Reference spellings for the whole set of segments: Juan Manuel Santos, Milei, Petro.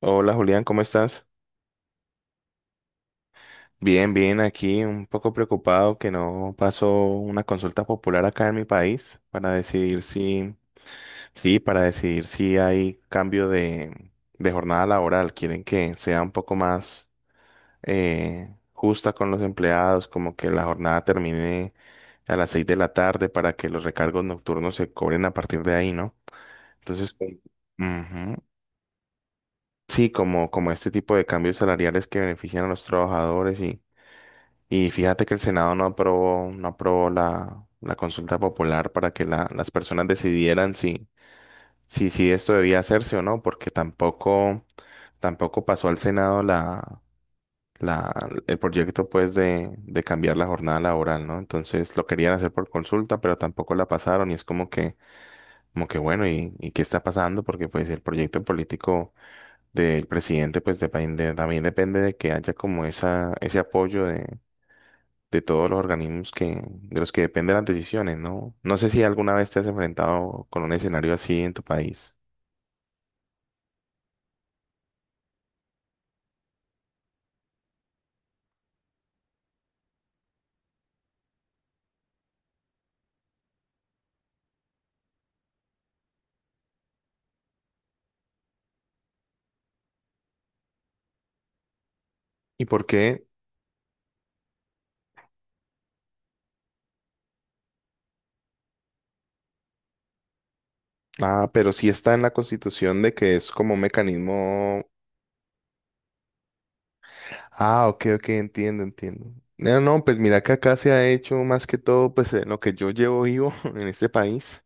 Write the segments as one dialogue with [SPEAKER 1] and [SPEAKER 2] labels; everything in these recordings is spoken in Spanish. [SPEAKER 1] Hola Julián, ¿cómo estás? Bien, bien, aquí un poco preocupado que no pasó una consulta popular acá en mi país para decidir si, sí, para decidir si hay cambio de jornada laboral. Quieren que sea un poco más justa con los empleados, como que la jornada termine a las 6 de la tarde para que los recargos nocturnos se cobren a partir de ahí, ¿no? Entonces, como- Ujú. Sí, como, como este tipo de cambios salariales que benefician a los trabajadores y fíjate que el Senado no aprobó, no aprobó la consulta popular para que la- las personas decidieran si, si, si esto debía hacerse o no, porque tampoco, tampoco pasó al Senado la, el proyecto pues de cambiar la jornada laboral, ¿no? Entonces lo querían hacer por consulta, pero tampoco la pasaron y es como que bueno, y qué está pasando? Porque pues el proyecto político del presidente pues depende, también depende de que haya como esa, ese apoyo de todos los organismos que, de los que dependen las decisiones, ¿no? No sé si alguna vez te has enfrentado con un escenario así en tu país. ¿Y por qué? Ah, pero sí está en la Constitución de que es como un mecanismo. Ah, ok, ok, entiendo, entiendo. No, no, pues mira que acá se ha hecho más que todo, pues en lo que yo llevo vivo en este país,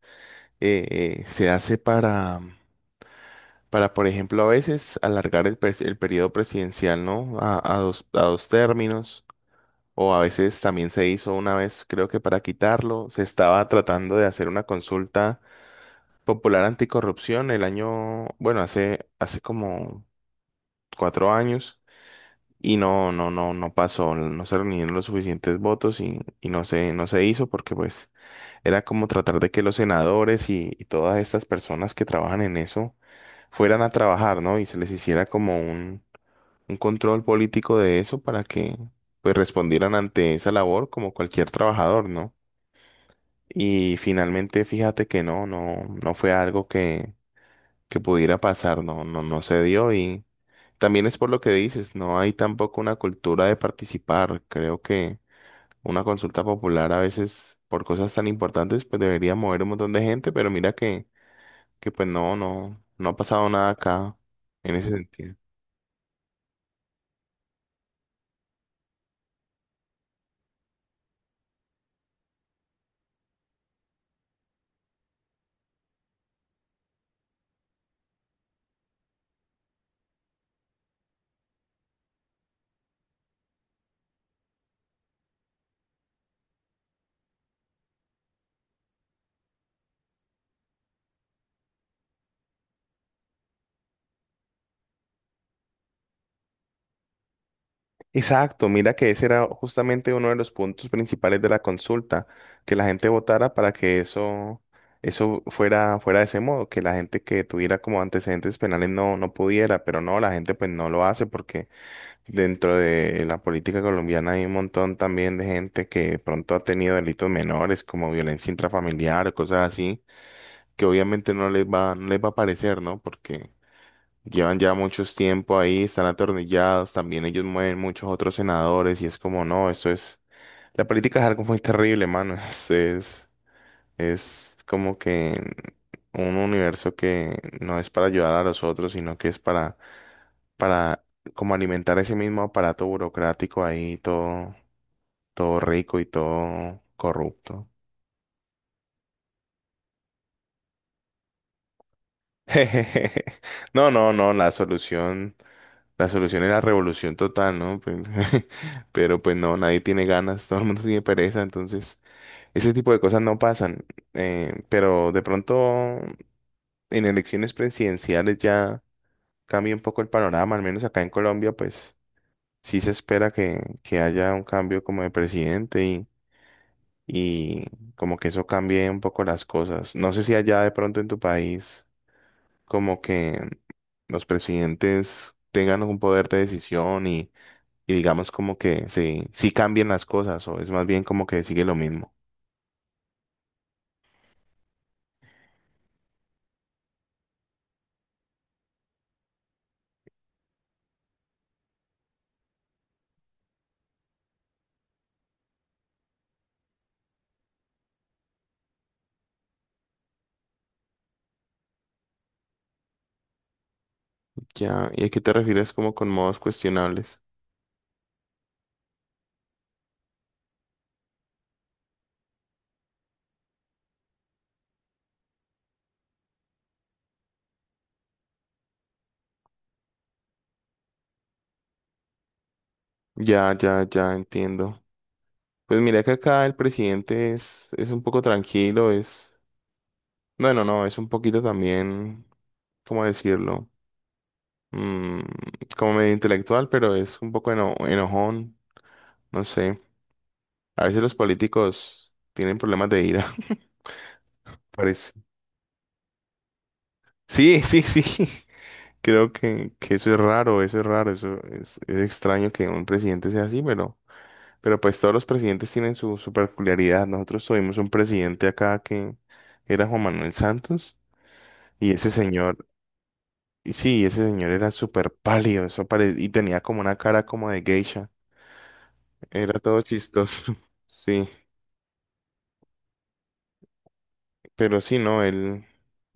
[SPEAKER 1] eh, se hace para, por ejemplo, a veces alargar el, pres- el periodo presidencial, ¿no? A dos términos. O a veces también se hizo una vez, creo que para quitarlo, se estaba tratando de hacer una consulta popular anticorrupción el año, bueno, hace, hace como 4 años y no, no, no, no pasó, no se reunieron los suficientes votos y no se, no se hizo porque pues era como tratar de que los senadores y todas estas personas que trabajan en eso fueran a trabajar, ¿no? Y se les hiciera como un control político de eso para que pues respondieran ante esa labor como cualquier trabajador, ¿no? Y finalmente, fíjate que no, no, no fue algo que pudiera pasar, no, no, no se dio. Y también es por lo que dices, no hay tampoco una cultura de participar. Creo que una consulta popular a veces por cosas tan importantes, pues debería mover un montón de gente, pero mira que pues no, no, no ha pasado nada acá en ese sentido. Exacto, mira que ese era justamente uno de los puntos principales de la consulta, que la gente votara para que eso fuera, fuera de ese modo, que la gente que tuviera como antecedentes penales no, no pudiera, pero no, la gente pues no lo hace porque dentro de la política colombiana hay un montón también de gente que de pronto ha tenido delitos menores como violencia intrafamiliar o cosas así, que obviamente no les va, no les va a parecer, ¿no? Porque llevan ya muchos tiempo ahí, están atornillados, también ellos mueven muchos otros senadores y es como, no, eso es, la política es algo muy terrible, mano, es como que un universo que no es para ayudar a los otros, sino que es para como alimentar ese mismo aparato burocrático ahí, todo, todo rico y todo corrupto. Jejeje. No, no, no, la solución es la revolución total, ¿no? Pues, pero pues no, nadie tiene ganas, todo el mundo tiene pereza, entonces ese tipo de cosas no pasan. Pero de pronto en elecciones presidenciales ya cambia un poco el panorama, al menos acá en Colombia, pues sí se espera que haya un cambio como de presidente y como que eso cambie un poco las cosas. No sé si allá de pronto en tu país. Como que los presidentes tengan un poder de decisión y digamos como que sí, sí cambien las cosas o es más bien como que sigue lo mismo. Ya, ¿y a qué te refieres como con modos cuestionables? Ya, ya, ya entiendo. Pues mira que acá el presidente es un poco tranquilo, es... Bueno, no, no, es un poquito también, ¿cómo decirlo? Mm, como medio intelectual, pero es un poco eno- enojón, no sé. A veces los políticos tienen problemas de ira. Parece. Sí, sí, sí. Creo que eso es raro, eso es raro, eso es extraño que un presidente sea así, pero pues todos los presidentes tienen su, su peculiaridad. Nosotros tuvimos un presidente acá que era Juan Manuel Santos y ese señor, y sí, ese señor era súper pálido, eso pare- y tenía como una cara como de geisha. Era todo chistoso. Sí, pero sí, no, él,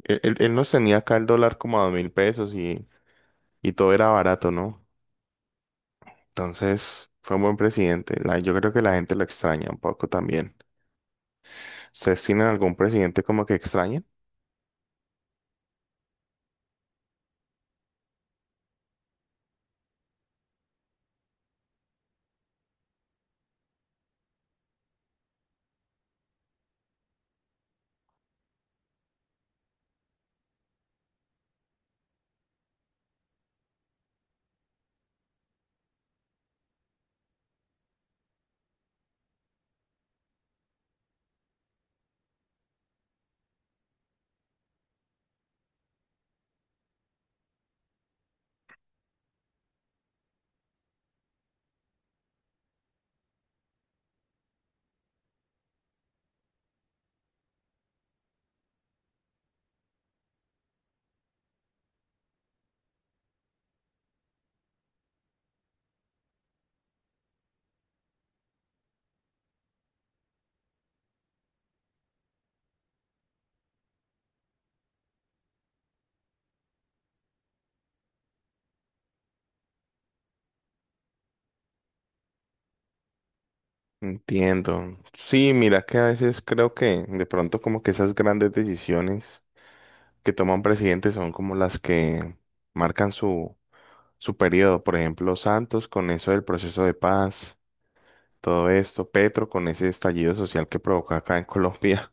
[SPEAKER 1] él nos tenía acá el dólar como a 2000 pesos y todo era barato, ¿no? Entonces, fue un buen presidente. La- yo creo que la gente lo extraña un poco también. ¿Ustedes tienen algún presidente como que extrañen? Entiendo. Sí, mira que a veces creo que de pronto como que esas grandes decisiones que toma un presidente son como las que marcan su, su periodo. Por ejemplo, Santos con eso del proceso de paz, todo esto, Petro con ese estallido social que provocó acá en Colombia,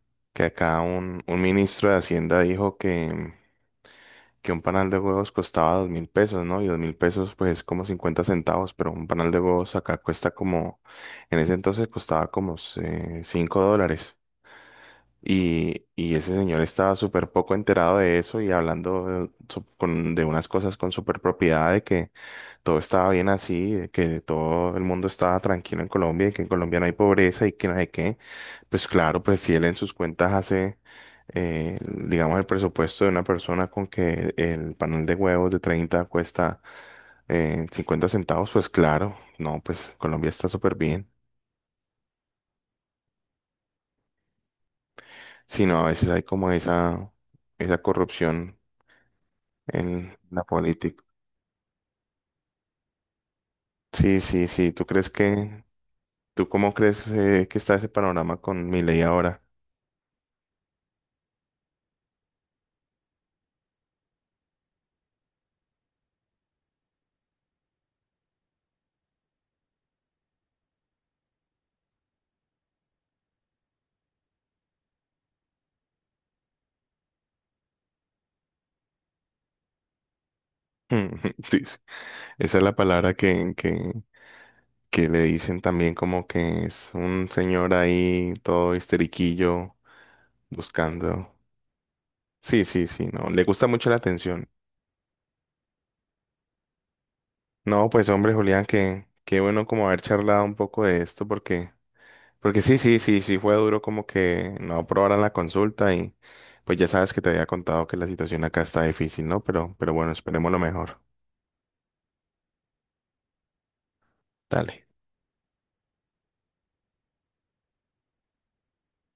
[SPEAKER 1] que acá un ministro de Hacienda dijo que un panal de huevos costaba 2000 pesos, ¿no? Y 2000 pesos, pues es como 50 centavos, pero un panal de huevos acá cuesta como, en ese entonces costaba como 5 dólares. Y ese señor estaba súper poco enterado de eso y hablando de, su- con- de unas cosas con súper propiedad, de que todo estaba bien así, de que todo el mundo estaba tranquilo en Colombia y que en Colombia no hay pobreza y que no sé qué. Pues claro, pues si él en sus cuentas hace, digamos, el presupuesto de una persona con que el panel de huevos de 30 cuesta 50 centavos, pues claro, no, pues Colombia está súper bien. Sino a veces hay como esa corrupción en la política. Sí, sí, sí. ¿Tú crees que, tú cómo crees que está ese panorama con Milei ahora? Dice, esa es la palabra que le dicen también como que es un señor ahí todo histeriquillo buscando. Sí, sí, sí, no, le gusta mucho la atención. No, pues hombre, Julián, que qué bueno como haber charlado un poco de esto porque porque sí, sí, sí, sí fue duro como que no aprobaran la consulta y pues ya sabes que te había contado que la situación acá está difícil, ¿no? Pero bueno, esperemos lo mejor. Dale.